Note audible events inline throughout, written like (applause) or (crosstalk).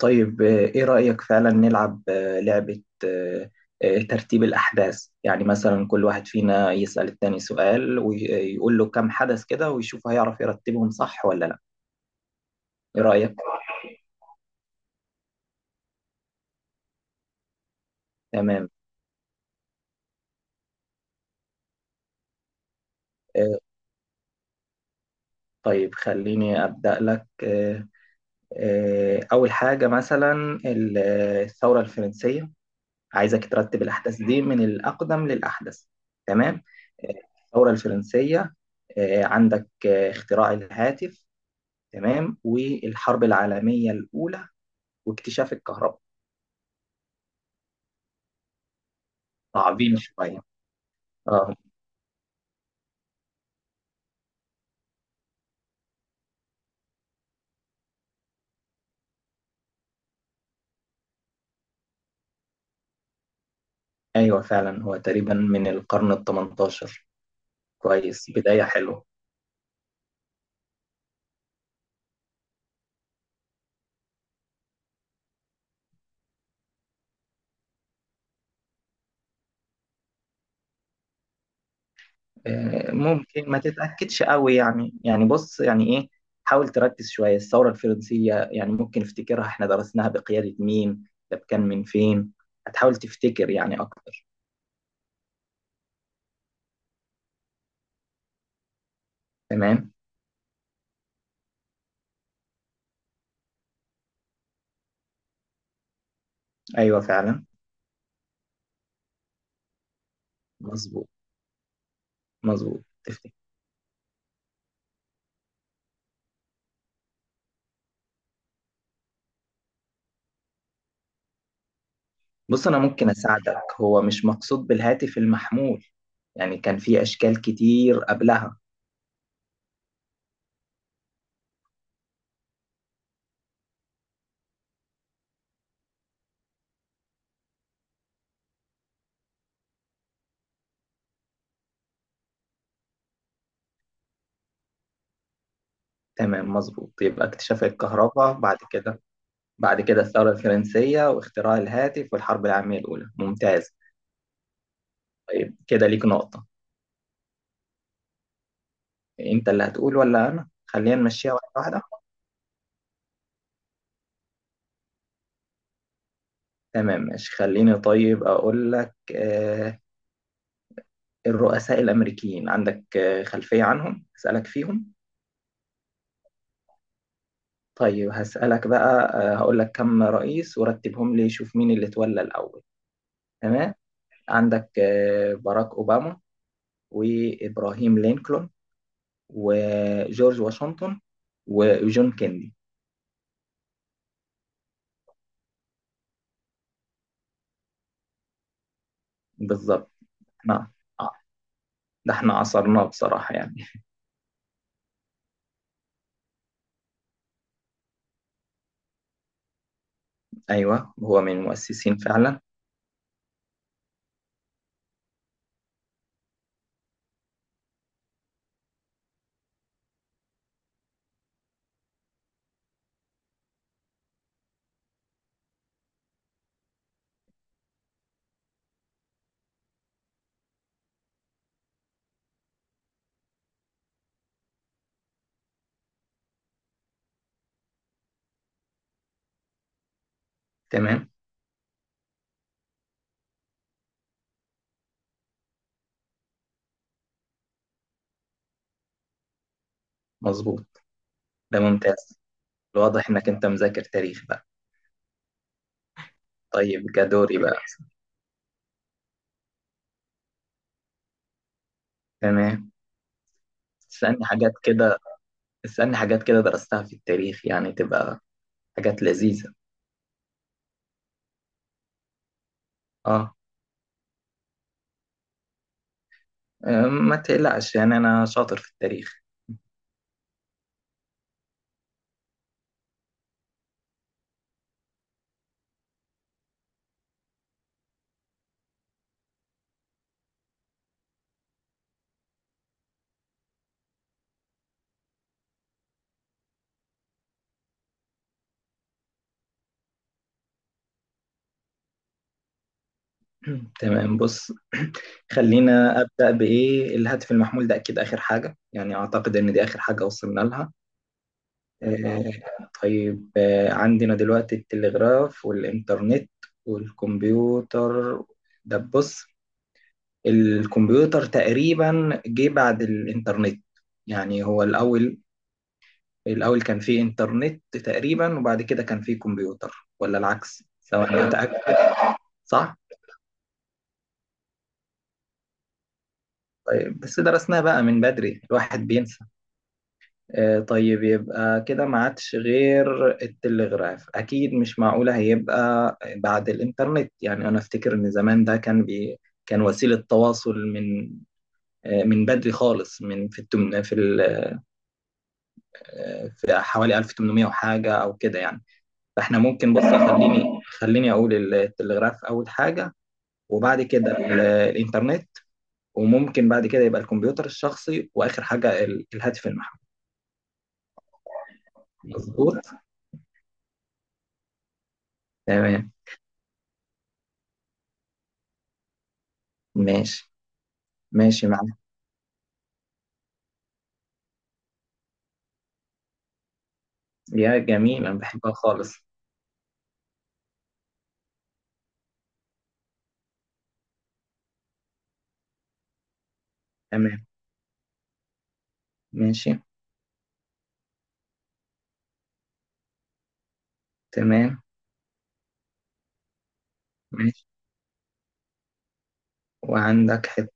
طيب إيه رأيك فعلا نلعب لعبة ترتيب الأحداث. يعني مثلا كل واحد فينا يسأل التاني سؤال ويقول له كم حدث كده، ويشوف هيعرف يرتبهم صح ولا لا. إيه رأيك؟ تمام. آه، طيب خليني أبدأ لك أول حاجة مثلا الثورة الفرنسية. عايزك ترتب الأحداث دي من الأقدم للأحدث. تمام. آه، الثورة الفرنسية، عندك اختراع الهاتف، تمام، والحرب العالمية الأولى، واكتشاف الكهرباء. تعظيم شوية. اه. ايوه فعلا، هو تقريبا من القرن ال 18. كويس، بداية حلوة. ممكن ما تتأكدش قوي يعني بص، يعني ايه؟ حاول تركز شوية. الثورة الفرنسية يعني ممكن افتكرها، احنا درسناها بقيادة مين؟ ده كان من فين؟ هتحاول تفتكر يعني اكتر. تمام، ايوه فعلا. مظبوط. مظبوط تفتكر؟ بص، أنا ممكن أساعدك. هو مش مقصود بالهاتف المحمول، يعني كان في أشكال كتير قبلها. تمام مظبوط، يبقى اكتشاف الكهرباء بعد كده. بعد كده الثورة الفرنسية واختراع الهاتف والحرب العالمية الأولى. ممتاز. طيب كده ليك نقطة. أنت اللي هتقول ولا أنا؟ خلينا نمشيها واحدة واحدة. تمام ماشي، خليني طيب أقول لك. الرؤساء الأمريكيين عندك خلفية عنهم؟ أسألك فيهم؟ طيب هسألك بقى، هقول لك كم رئيس ورتبهم لي، شوف مين اللي اتولى الأول. تمام. عندك باراك أوباما، وإبراهيم لينكولن، وجورج واشنطن، وجون كيندي. بالظبط. نعم. آه، ده احنا عصرناه بصراحة يعني. أيوه، هو من المؤسسين فعلا. تمام مظبوط. ده ممتاز، واضح إنك أنت مذاكر تاريخ بقى. طيب كدوري بقى. تمام. اسألني حاجات كده، اسألني حاجات كده درستها في التاريخ، يعني تبقى حاجات لذيذة. اه. ما تقلقش يعني، أنا شاطر في التاريخ. (clears throat) تمام بص، خلينا أبدأ بإيه. الهاتف المحمول ده أكيد آخر حاجة، يعني أعتقد إن دي آخر حاجة وصلنا لها. آه، طيب، عندنا دلوقتي التلغراف والإنترنت والكمبيوتر. ده بص، الكمبيوتر تقريبا جه بعد الإنترنت، يعني هو الأول. الأول كان فيه إنترنت تقريبا، وبعد كده كان فيه كمبيوتر، ولا العكس؟ سواء متأكد. صح؟ طيب بس درسناه بقى من بدري، الواحد بينسى. طيب يبقى كده ما عادش غير التلغراف. اكيد مش معقولة هيبقى بعد الانترنت، يعني انا افتكر ان زمان ده كان بي. كان وسيلة تواصل من من بدري خالص، من في التمن في ال... آه، في حوالي 1800 وحاجة او كده يعني. فاحنا ممكن بص خليني اقول التلغراف اول حاجة. وبعد كده الانترنت. وممكن بعد كده يبقى الكمبيوتر الشخصي، واخر حاجة الهاتف المحمول. مظبوط. تمام ماشي. ماشي مع. يا جميل، أنا بحبها خالص. تمام ماشي. تمام ماشي. وعندك حتة.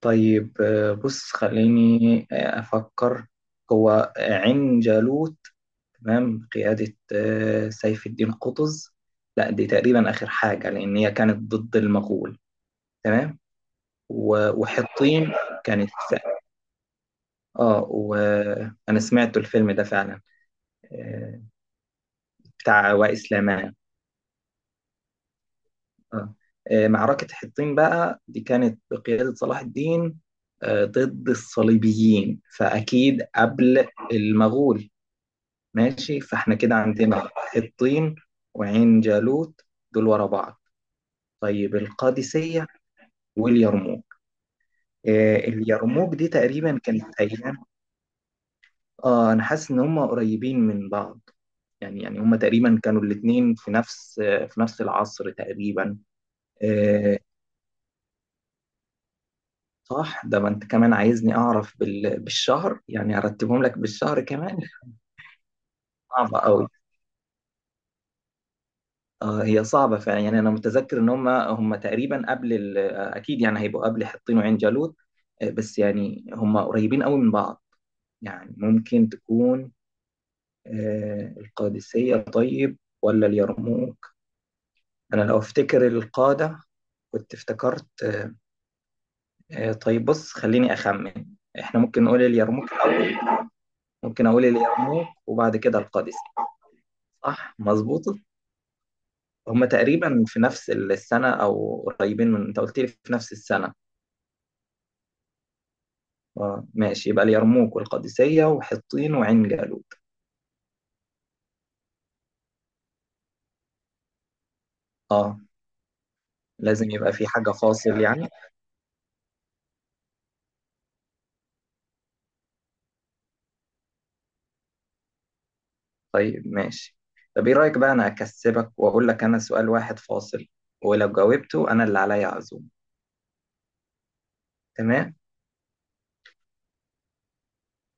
طيب بص خليني أفكر. هو عين جالوت. تمام، قيادة سيف الدين قطز. لا، دي تقريبا آخر حاجة لأن هي كانت ضد المغول. تمام. و- وحطين كانت. اه، وأنا سمعت الفيلم ده فعلا، آه، بتاع وائل سليمان. آه. معركة حطين بقى دي كانت بقيادة صلاح الدين، ضد الصليبيين، فأكيد قبل المغول. ماشي، فاحنا كده عندنا حطين وعين جالوت دول ورا بعض. طيب القادسية واليرموك. اليرموك دي تقريبا كانت أيام. اه، أنا حاسس إن هم قريبين من بعض. يعني هم تقريبا كانوا الاتنين في نفس، في نفس العصر تقريبا. آه، صح. ده ما انت كمان عايزني اعرف بالشهر، يعني ارتبهم لك بالشهر كمان؟ صعبة قوي. اه، هي صعبة فعلا. يعني انا متذكر ان هم تقريبا اكيد يعني هيبقوا قبل حطين وعين جالوت. بس يعني هم قريبين قوي من بعض. يعني ممكن تكون القادسية طيب ولا اليرموك؟ انا لو افتكر القادة كنت افتكرت طيب بص خليني اخمن. احنا ممكن نقول اليرموك الاول. ممكن اقول اليرموك وبعد كده القادسية. صح، مظبوطة. هما تقريبا في نفس السنة، أو قريبين من، أنت قلت لي في نفس السنة. آه ماشي، يبقى اليرموك والقادسية وحطين وعين جالوت. آه. لازم يبقى في حاجة فاصل يعني. طيب ماشي. طب إيه رأيك بقى، أنا أكسبك وأقول لك أنا سؤال واحد فاصل، ولو جاوبته أنا اللي عليا عزوم. تمام.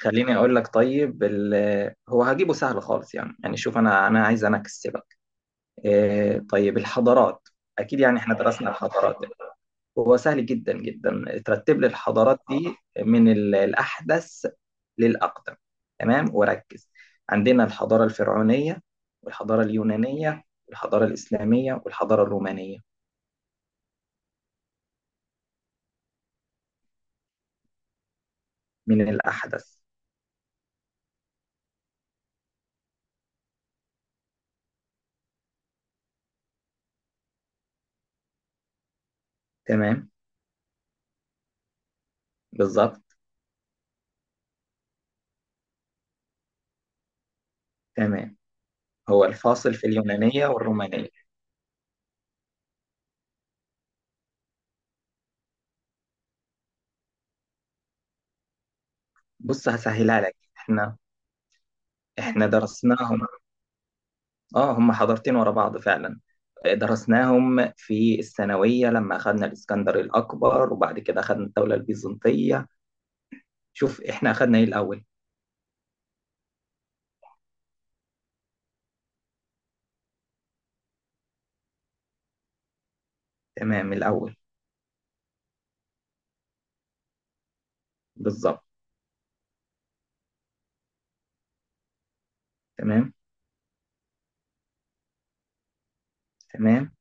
خليني أقول لك. طيب هو هجيبه سهل خالص. يعني شوف، أنا عايز أنا أكسبك. آه طيب الحضارات. أكيد يعني إحنا درسنا الحضارات. هو سهل جدا جدا، ترتب لي الحضارات دي من الأحدث للأقدم. تمام وركز. عندنا الحضارة الفرعونية، والحضارة اليونانية، والحضارة الإسلامية، والحضارة الرومانية. من الأحدث. تمام. بالظبط. تمام. هو الفاصل في اليونانية والرومانية. بص هسهلها لك. احنا درسناهم. اه، هم حضارتين ورا بعض فعلا. درسناهم في الثانوية لما أخذنا الإسكندر الأكبر، وبعد كده أخذنا الدولة البيزنطية. شوف احنا اخدنا ايه الاول. تمام. الاول. بالظبط. تمام. تمام.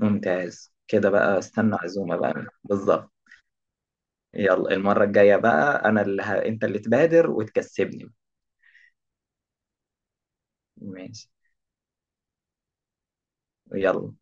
ممتاز كده بقى، استنى عزومة بقى. بالظبط. يلا المرة الجاية بقى، انا اللي انت اللي تبادر وتكسبني. ماشي. يلا.